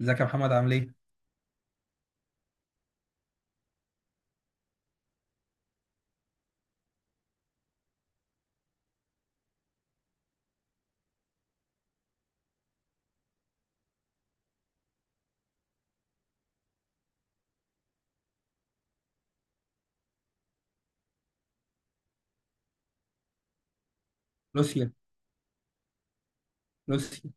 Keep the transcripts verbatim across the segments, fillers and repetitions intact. ازيك يا محمد؟ عامل ايه؟ لوسيا. لوسيا.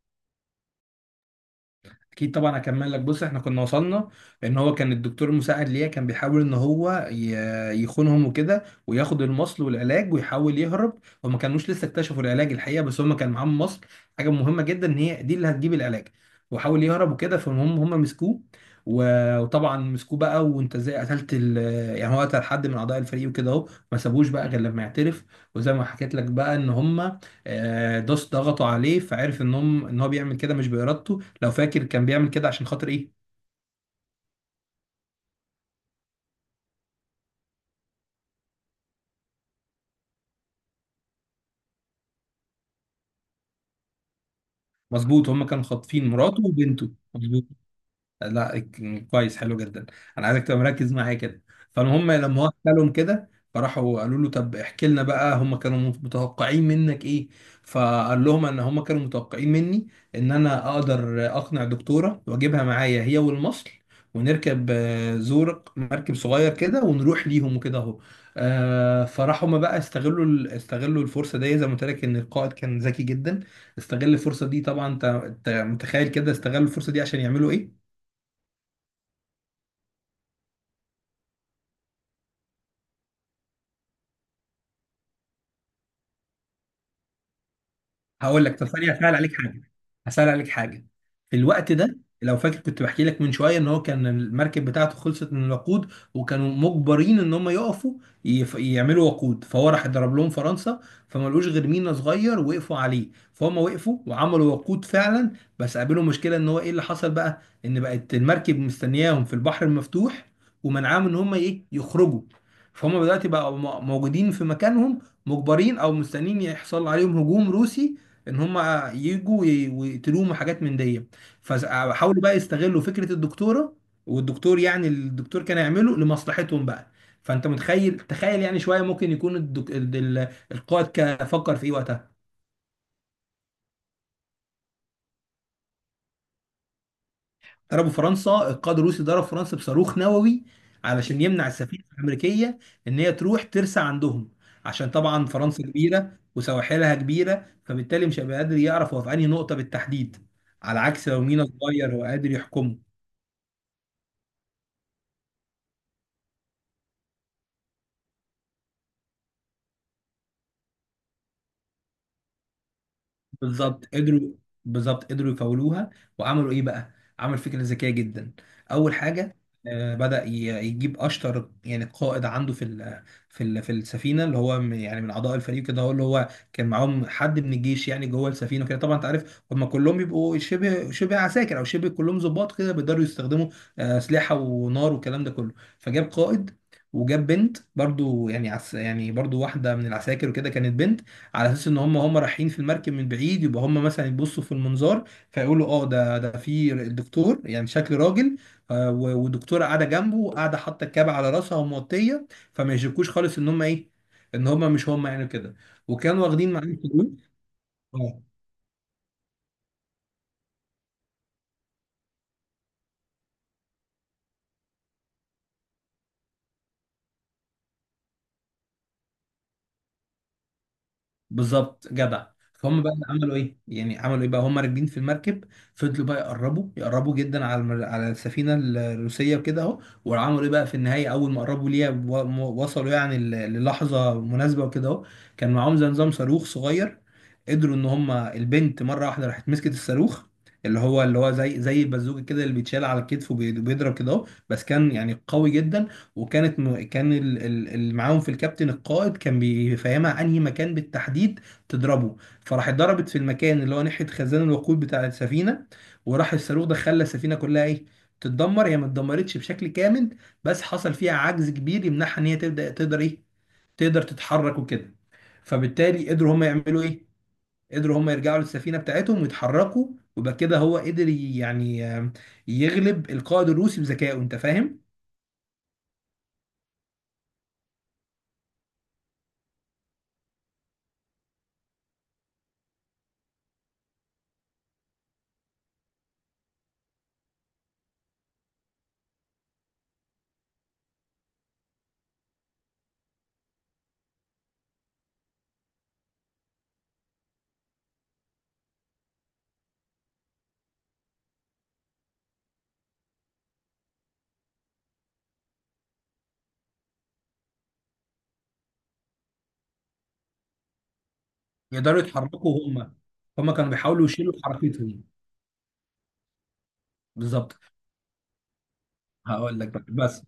اكيد طبعا هكمل لك. بص احنا كنا وصلنا ان هو كان الدكتور المساعد ليا كان بيحاول ان هو ي- يخونهم وكده، وياخد المصل والعلاج ويحاول يهرب. هما كانوش لسه اكتشفوا العلاج الحقيقه، بس هما كان معاهم مصل، حاجه مهمه جدا، ان هي دي اللي هتجيب العلاج. وحاول يهرب وكده، فالمهم هما مسكوه. و- وطبعا مسكوه بقى، وانت ازاي قتلت ال... يعني هو قتل حد من اعضاء الفريق وكده اهو. ما سابوش بقى غير لما يعترف. وزي ما حكيت لك بقى ان هما آه، داس ضغطوا عليه، فعرف ان هم ان هو بيعمل كده مش بارادته. لو فاكر كان بيعمل كده عشان خاطر ايه؟ مظبوط، هم كانوا خاطفين مراته وبنته، مظبوط. لا، كويس، حلو جدا. انا عايزك تبقى مركز معايا كده. فالمهم لما هو حكى لهم كده، فراحوا قالوا له طب احكي لنا بقى هم كانوا متوقعين منك ايه. فقال لهم ان هم كانوا متوقعين مني ان انا اقدر اقنع دكتوره واجيبها معايا، هي والمصل، ونركب آه، زورق، مركب صغير كده، ونروح ليهم وكده اهو. آه، فراحوا هم بقى استغلوا ال- استغلوا الفرصه دي. زي ما قلت لك ان القائد كان ذكي جدا. استغل الفرصه دي طبعا. انت أنت متخيل كده استغلوا الفرصه دي عشان يعملوا ايه؟ هقول لك. طب ثانيه، هسال عليك حاجه. هسال عليك حاجه. في الوقت ده لو فاكر، كنت بحكي لك من شويه ان هو كان المركب بتاعته خلصت من الوقود، وكانوا مجبرين ان هم يقفوا يف... يعملوا وقود. فهو راح ضرب لهم فرنسا، فما لقوش غير مينا صغير وقفوا عليه، فهم وقفوا وعملوا وقود فعلا. بس قابلهم مشكله، ان هو ايه اللي حصل بقى؟ ان بقت المركب مستنياهم في البحر المفتوح، ومنعاهم ان هم ايه يخرجوا. فهم دلوقتي بقوا م- موجودين في مكانهم، مجبرين او مستنيين يحصل عليهم هجوم روسي، ان هم يجوا ي- ويقتلوهم وحاجات من دي. فحاولوا بقى يستغلوا فكره الدكتوره والدكتور. يعني الدكتور كان يعمله لمصلحتهم بقى. فانت متخيل تخيل يعني شويه، ممكن يكون الدك... ال- ال- القائد كان فكر في ايه وقتها. ضربوا فرنسا. القائد الروسي ضرب فرنسا بصاروخ نووي علشان يمنع السفينه الامريكيه ان هي تروح ترسى عندهم. عشان طبعا فرنسا كبيره وسواحلها كبيره، فبالتالي مش هيبقى قادر يعرف هو في انهي نقطه بالتحديد، على عكس لو مينا صغير وقادر يحكمه. بالظبط قدروا. بالظبط قدروا يفولوها. وعملوا ايه بقى؟ عمل فكره ذكيه جدا. اول حاجه، آه، بدأ ي- يجيب اشطر يعني قائد عنده في ال في ال في السفينه، اللي هو من- يعني من اعضاء الفريق كده. هو اللي هو كان معاهم حد من الجيش يعني جوه السفينه وكده. طبعا انت عارف هم كلهم بيبقوا شبه شبه عساكر او شبه كلهم ضباط كده، بيقدروا يستخدموا آه، اسلحه ونار والكلام ده كله. فجاب قائد، وجاب بنت برضو، يعني عس يعني برضو واحده من العساكر وكده، كانت بنت. على اساس ان هم هم رايحين في المركب من بعيد، يبقى هم مثلا يبصوا في المنظار فيقولوا اه، ده ده في الدكتور، يعني شكل راجل، آه، و- والدكتوره قاعده جنبه، قاعده حاطه الكاب على راسها وموطيه، فما يشكوش خالص ان هم ايه، ان هم مش هم يعني كده. وكانوا واخدين معاهم فلوس. بالظبط جدع. فهم بقى عملوا ايه؟ يعني عملوا ايه بقى هم راكبين في المركب؟ فضلوا بقى يقربوا يقربوا جدا على المر... على السفينه الروسيه وكده اهو. وعملوا ايه بقى في النهايه؟ اول ما قربوا ليها و... م- وصلوا يعني ل- للحظه مناسبه وكده اهو، كان معاهم زي نظام صاروخ صغير. قدروا ان هم البنت مره واحده راحت مسكت الصاروخ، اللي هو اللي هو زي زي البازوكه كده، اللي بيتشال على الكتف وبيضرب كده اهو، بس كان يعني قوي جدا. وكانت م... كان ال- ال- اللي معاهم في الكابتن القائد كان بيفهمها انهي مكان بالتحديد تضربه. فراح ضربت في المكان اللي هو ناحيه خزان الوقود بتاع السفينه، وراح الصاروخ ده خلى السفينه كلها ايه، تتدمر. هي ما اتدمرتش بشكل كامل، بس حصل فيها عجز كبير يمنعها ان هي تبدا تقدر ايه، تقدر تتحرك وكده. فبالتالي قدروا هم يعملوا ايه، قدروا هم يرجعوا للسفينه بتاعتهم ويتحركوا. وبقى كده هو قدر ي- يعني آم، يغلب القائد الروسي بذكائه. انت فاهم؟ يقدروا يتحركوا هم، هم كانوا بيحاولوا يشيلوا حركتهم. بالظبط. هقول لك بقى. بس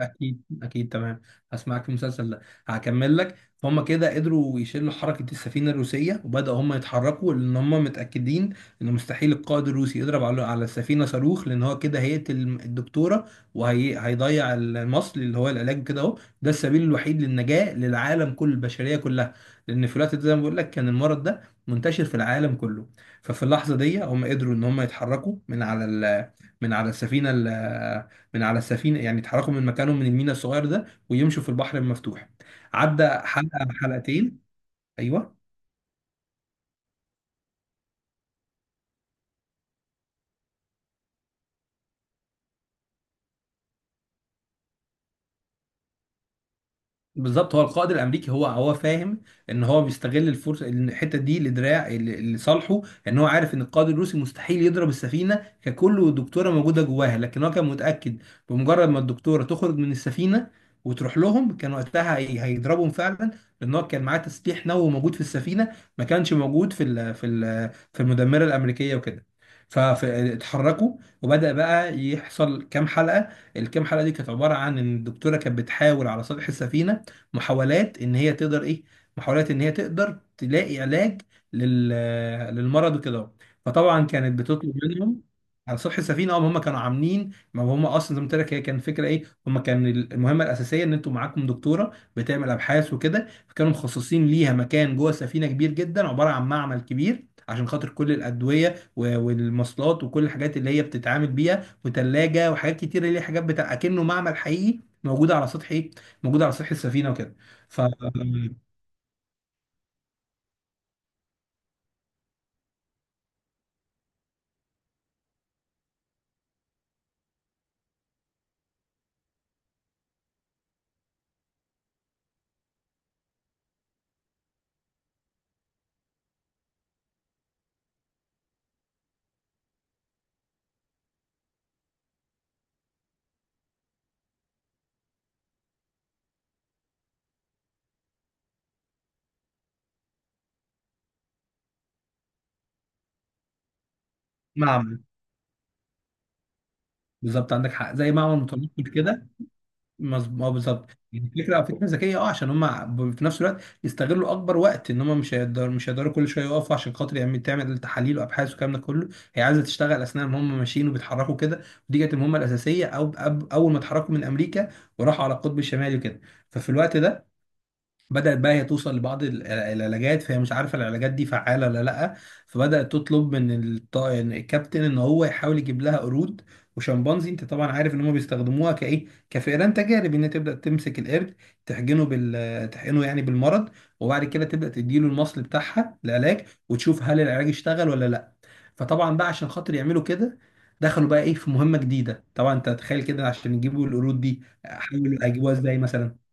اكيد، اكيد تمام. هسمعك في المسلسل ده. هكمل لك. هم كده قدروا يشيلوا حركه السفينه الروسيه، وبداوا هم يتحركوا لان هم متاكدين ان مستحيل القائد الروسي يضرب على على السفينه صاروخ، لان هو كده هيقتل الدكتوره، وهيضيع المصل اللي هو العلاج كده اهو، ده السبيل الوحيد للنجاه للعالم، كل البشريه كلها. لان في الوقت ده زي ما بقول لك، كان المرض ده منتشر في العالم كله. ففي اللحظه دي هم قدروا ان هم يتحركوا من على ال- من على السفينه. من على السفينه، يعني اتحركوا من مكانهم من الميناء الصغير ده، ويمشوا في البحر المفتوح. عدى حلقه حلقتين. ايوه بالظبط. هو القائد الامريكي هو هو فاهم ان هو بيستغل الفرصه، إن الحته دي لدراع ل- لصالحه. ان هو عارف ان القائد الروسي مستحيل يضرب السفينه ككل والدكتوره موجوده جواها، لكن هو كان متاكد بمجرد ما الدكتوره تخرج من السفينه وتروح لهم، كان وقتها هي- هيضربهم فعلا، لان هو كان معاه تسليح نووي موجود في السفينه، ما كانش موجود في ال في ال في المدمره الامريكيه وكده. فاتحركوا، وبدأ بقى يحصل كام حلقة. الكام حلقة دي كانت عبارة عن ان الدكتورة كانت بتحاول على سطح السفينة محاولات ان هي تقدر ايه، محاولات ان هي تقدر تلاقي علاج لل للمرض وكده. فطبعا كانت بتطلب منهم على سطح السفينه. هم هم كانوا عاملين، ما هم اصلا زي ما قلت لك، هي كان فكره ايه هم، كان المهمه الاساسيه ان انتوا معاكم دكتوره بتعمل ابحاث وكده، فكانوا مخصصين ليها مكان جوه السفينه كبير جدا، عباره عن معمل كبير، عشان خاطر كل الادويه و- والمصلات وكل الحاجات اللي هي بتتعامل بيها، وتلاجه، وحاجات كتير اللي هي حاجات بتاع اكنه معمل حقيقي، موجوده على سطح ايه، موجوده على سطح السفينه وكده. ف معمل، بالظبط، عندك حق، زي معمل متنقل كده. مظبوط، اه بالظبط. يعني فكره، فكره ذكيه، اه، عشان هم في نفس الوقت يستغلوا اكبر وقت، ان هم مش هيقدروا، مش هيقدروا كل شويه يقفوا عشان خاطر يعمل تعمل تحاليل وابحاث والكلام ده كله. هي عايزه تشتغل اثناء ما هم ماشيين وبيتحركوا كده. ودي كانت المهمه الاساسيه. او أب- اول ما اتحركوا من امريكا وراحوا على القطب الشمالي وكده، ففي الوقت ده بدأت بقى هي توصل لبعض ال- العلاجات. فهي مش عارفة العلاجات دي فعالة ولا لأ، فبدأت تطلب من الط- إن الكابتن إن هو يحاول يجيب لها قرود وشمبانزي. أنت طبعا عارف إن هم بيستخدموها كإيه، كفئران تجارب، إن هي تبدأ تمسك القرد تحقنه بال تحقنه يعني بالمرض، وبعد كده تبدأ تديله المصل بتاعها العلاج، وتشوف هل العلاج اشتغل ولا لأ. فطبعا بقى عشان خاطر يعملوا كده، دخلوا بقى إيه في مهمة جديدة. طبعا أنت تخيل كده، عشان يجيبوا القرود دي حاولوا هيجيبوها إزاي مثلا.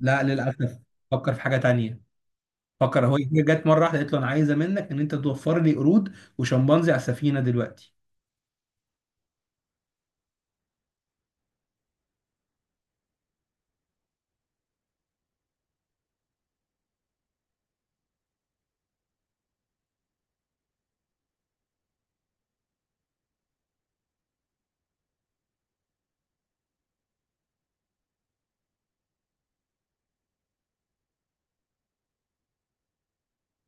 لا، للاسف. فكر في حاجه تانية. فكر هو، هي جت مره واحده قالت له انا عايزه منك ان انت توفر لي قرود وشمبانزي على السفينه دلوقتي.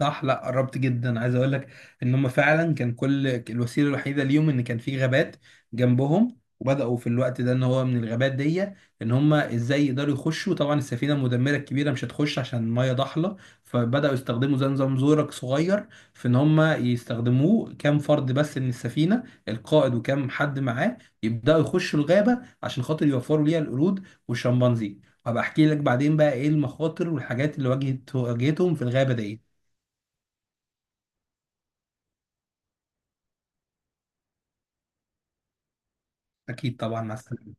صح، لا قربت جدا. عايز اقول لك ان هم فعلا كان كل الوسيله الوحيده ليهم ان كان في غابات جنبهم، وبداوا في الوقت ده ان هو من الغابات دي، ان هم ازاي يقدروا يخشوا. طبعا السفينه المدمره الكبيره مش هتخش عشان الميه ضحله، فبداوا يستخدموا زي نظام زورق صغير، في ان هم يستخدموه كام فرد بس من السفينه، القائد وكام حد معاه، يبداوا يخشوا الغابه عشان خاطر يوفروا ليها القرود والشمبانزي. هبقى احكي لك بعدين بقى ايه المخاطر والحاجات اللي واجهت واجهتهم في الغابه دي. اكيد طبعا، مع السلامه.